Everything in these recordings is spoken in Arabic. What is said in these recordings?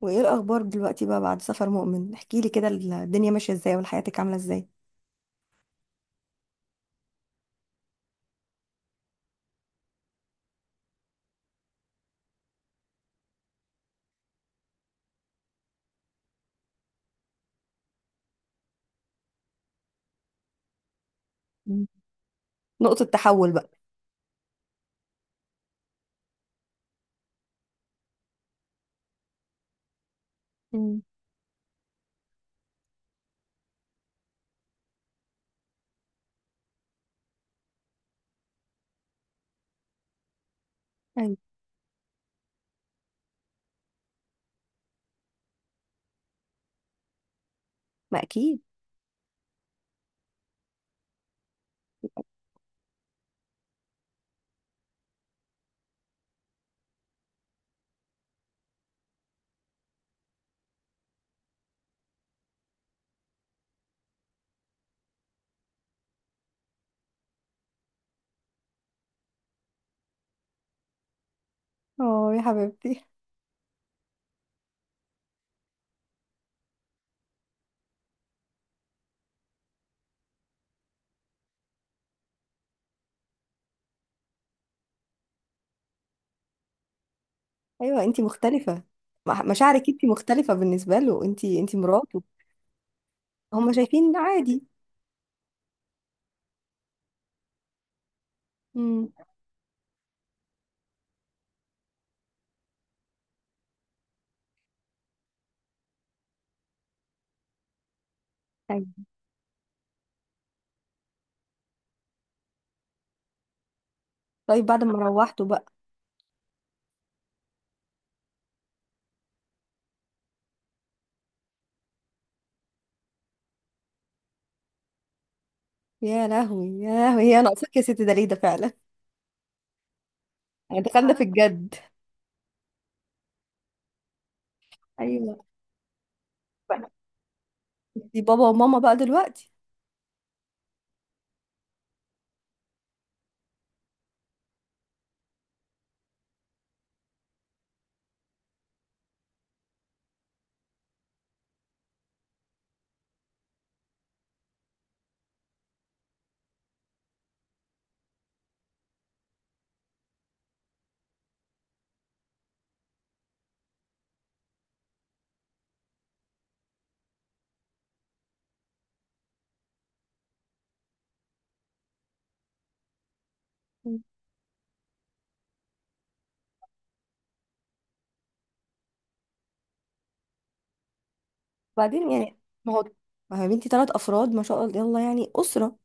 وايه الاخبار دلوقتي بقى بعد سفر مؤمن؟ احكي لي كده الدنيا ماشيه ازاي وحياتك عامله ازاي؟ مم. نقطه تحول بقى. مم. أيوة. ما اكيد. اه يا حبيبتي. ايوه انتي مختلفه، مشاعرك انتي مختلفه بالنسبه له، انتي مراته. هم شايفين عادي. امم. أيوة. طيب بعد ما روحتوا بقى؟ يا لهوي يا لهوي، هي ناقصاك يا ستي؟ ده ليه ده فعلا؟ يعني دخلنا في الجد. ايوه. دي بابا وماما بقى دلوقتي. بعدين يعني، ما هو ما هو يا بنتي، 3 افراد ما شاء الله، يلا يعني اسره.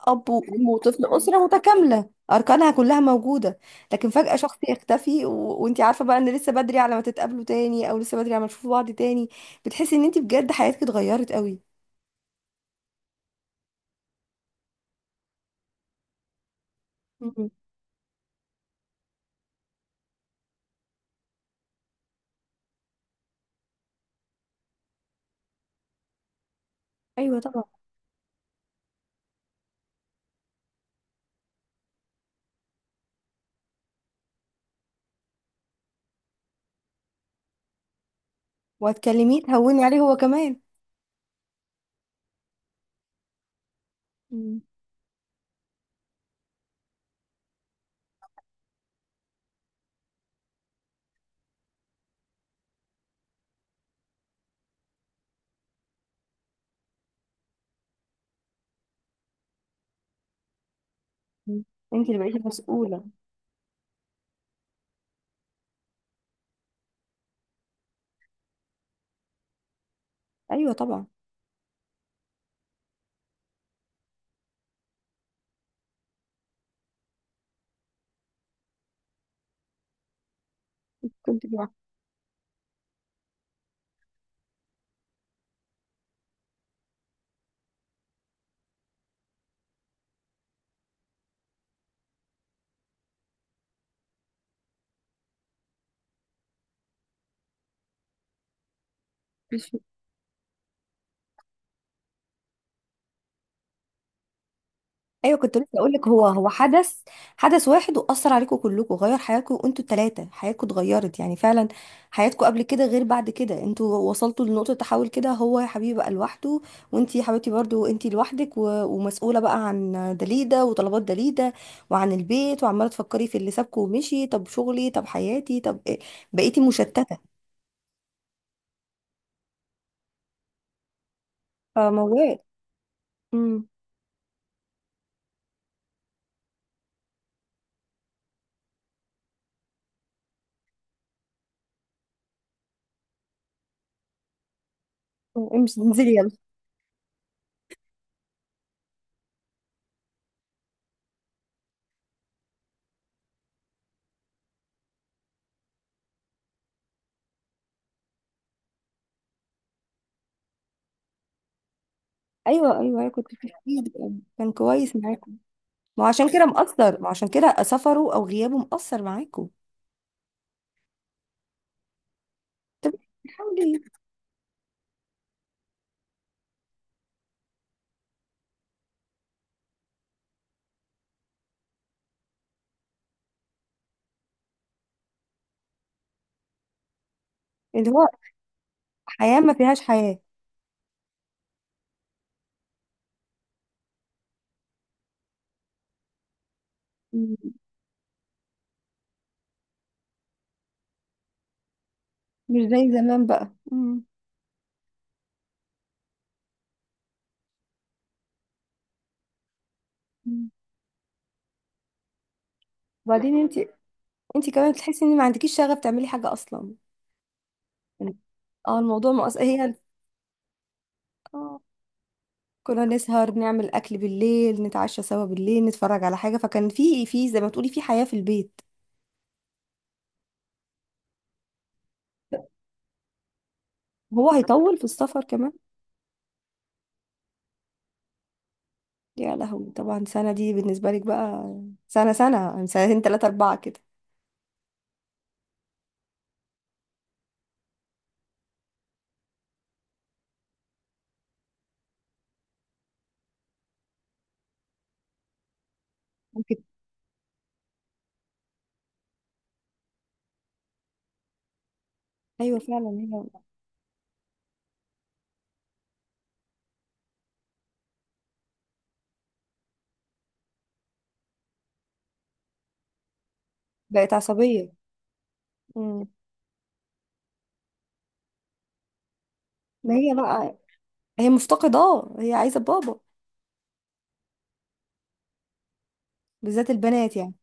اب وام وطفل، اسره متكامله اركانها كلها موجوده. لكن فجاه شخص يختفي وانت عارفه بقى ان لسه بدري على ما تتقابلوا تاني، او لسه بدري على ما تشوفوا بعض تاني. بتحسي ان انت بجد حياتك اتغيرت قوي. مم. ايوه طبعا. وهتكلميه تهوني عليه هو كمان. مم. انت اللي بقيتي مسؤوله. ايوه طبعا. كنت لوحدك. ايوه. كنت لسه اقول لك، هو حدث واحد، واثر عليكم كلكم، غير حياتكم انتوا الثلاثه، حياتكم اتغيرت يعني فعلا. حياتكم قبل كده غير بعد كده. انتوا وصلتوا لنقطه تحول كده. هو يا حبيبي بقى لوحده، وانتي يا حبيبتي برضو انتي لوحدك ومسؤوله بقى عن دليده وطلبات دليده وعن البيت، وعماله تفكري في اللي سابكم ومشي. طب شغلي، طب حياتي، طب إيه؟ بقيتي مشتته. فموال. امم. امشي انزلي يلا. ايوه ايوه أيوة، كنت في حديد. كان كويس معاكم. ما هو عشان كده مأثر، ما هو عشان كده سفره أو غيابه مأثر معاكوا. طب حاولي. اللي هو حياة ما فيهاش حياة. مم. مش زي زمان بقى. مم. مم. وبعدين انت كمان بتحسي ان ما عندكيش شغف تعملي حاجة أصلا. اه الموضوع مؤثر هي. اه كنا نسهر نعمل أكل بالليل، نتعشى سوا بالليل، نتفرج على حاجة، فكان في زي ما تقولي في حياة في البيت. هو هيطول في السفر كمان؟ يا لهوي، طبعا سنة دي بالنسبة لك بقى. سنة سنة يعني سنتين تلاتة أربعة كده. ايوه فعلا هي بقت عصبيه. امم. ما هي بقى هي مفتقده. اه هي عايزه بابا. بالذات البنات يعني.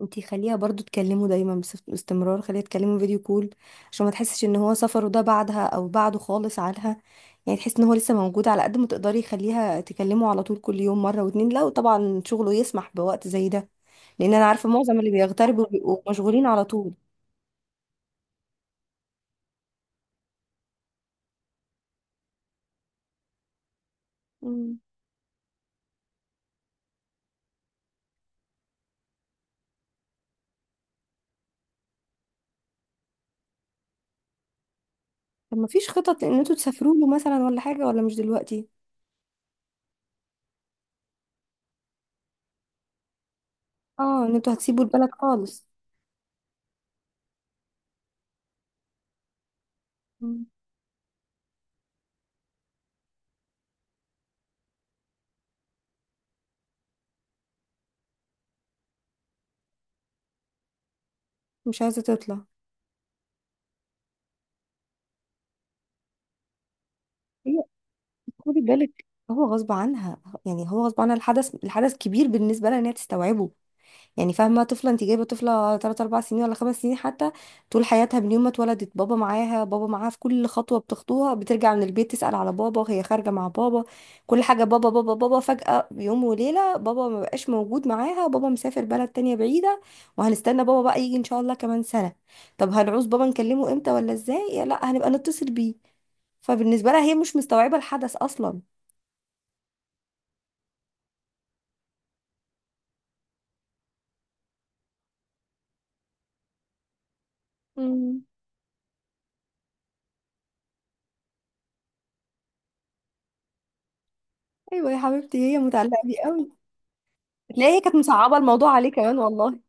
انتي خليها برضو تكلمه دايما، باستمرار خليها تكلمه فيديو كول، عشان ما تحسش ان هو سفره ده بعدها او بعده خالص عنها. يعني تحس ان هو لسه موجود. على قد ما تقدري خليها تكلمه على طول، كل يوم مره واتنين، لو طبعا شغله يسمح بوقت زي ده، لان انا عارفه معظم اللي بيغتربوا بيبقوا مشغولين على طول. امم. طب ما فيش خطط ان انتوا تسافروا له مثلا، ولا حاجه؟ ولا مش دلوقتي. اه ان انتوا هتسيبوا البلد خالص. مم. مش عايزة تطلع. هي، خدي بالك، هو غصب عنها، يعني هو غصب عنها الحدث، الحدث كبير بالنسبة لها ان هي تستوعبه. يعني فاهمة؟ طفلة، انت جايبة طفلة 3 4 سنين ولا 5 سنين حتى. طول حياتها من يوم ما اتولدت بابا معاها، بابا معاها في كل خطوة بتخطوها، بترجع من البيت تسأل على بابا، وهي خارجة مع بابا، كل حاجة بابا بابا بابا. فجأة يوم وليلة بابا ما بقاش موجود معاها، بابا مسافر بلد تانية بعيدة، وهنستنى بابا بقى يجي ان شاء الله كمان سنة. طب هنعوز بابا، نكلمه امتى ولا ازاي؟ لا، هنبقى نتصل بيه. فبالنسبة لها هي مش مستوعبة الحدث أصلا. مم. أيوة يا حبيبتي هي متعلقة بيه قوي. هتلاقي هي كانت مصعبة الموضوع عليه كمان والله.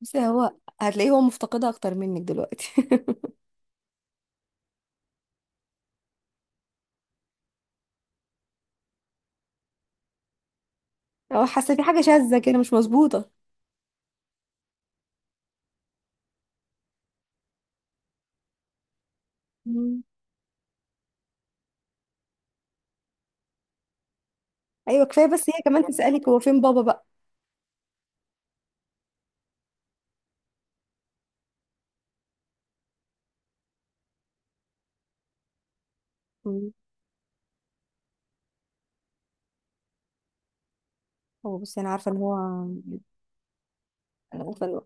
بس هو هتلاقيه هو مفتقدها أكتر منك دلوقتي. هو حاسة في حاجة شاذة كده، مش مظبوطة. مم. أيوة كفاية بس هي كمان تسألك هو فين بابا بقى. مم. هو بصي، أنا عارفة إن هو.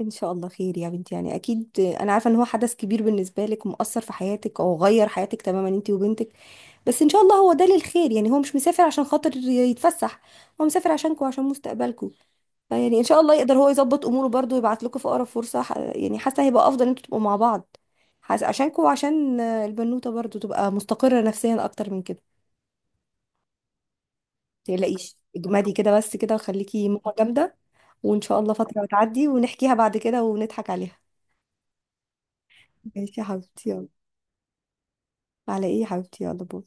إن شاء الله خير يا بنتي. يعني أكيد أنا عارفة إن هو حدث كبير بالنسبة لك ومؤثر في حياتك، أو غير حياتك تماما أنت وبنتك. بس ان شاء الله هو ده للخير. يعني هو مش مسافر عشان خاطر يتفسح، هو مسافر عشانكم وعشان مستقبلكم. فيعني ان شاء الله يقدر هو يظبط اموره برضو ويبعت لكم في اقرب فرصة، يعني حاسة هيبقى افضل ان انتوا تبقوا مع بعض. حاسة عشانكم، وعشان البنوتة برضو تبقى مستقرة نفسيا اكتر من كده. متقلقيش، اجمدي كده بس كده، وخليكي ماما جامدة. وان شاء الله فترة هتعدي ونحكيها بعد كده ونضحك عليها. ماشي يا حبيبتي يلا. على ايه يا حبيبتي؟ يلا باي.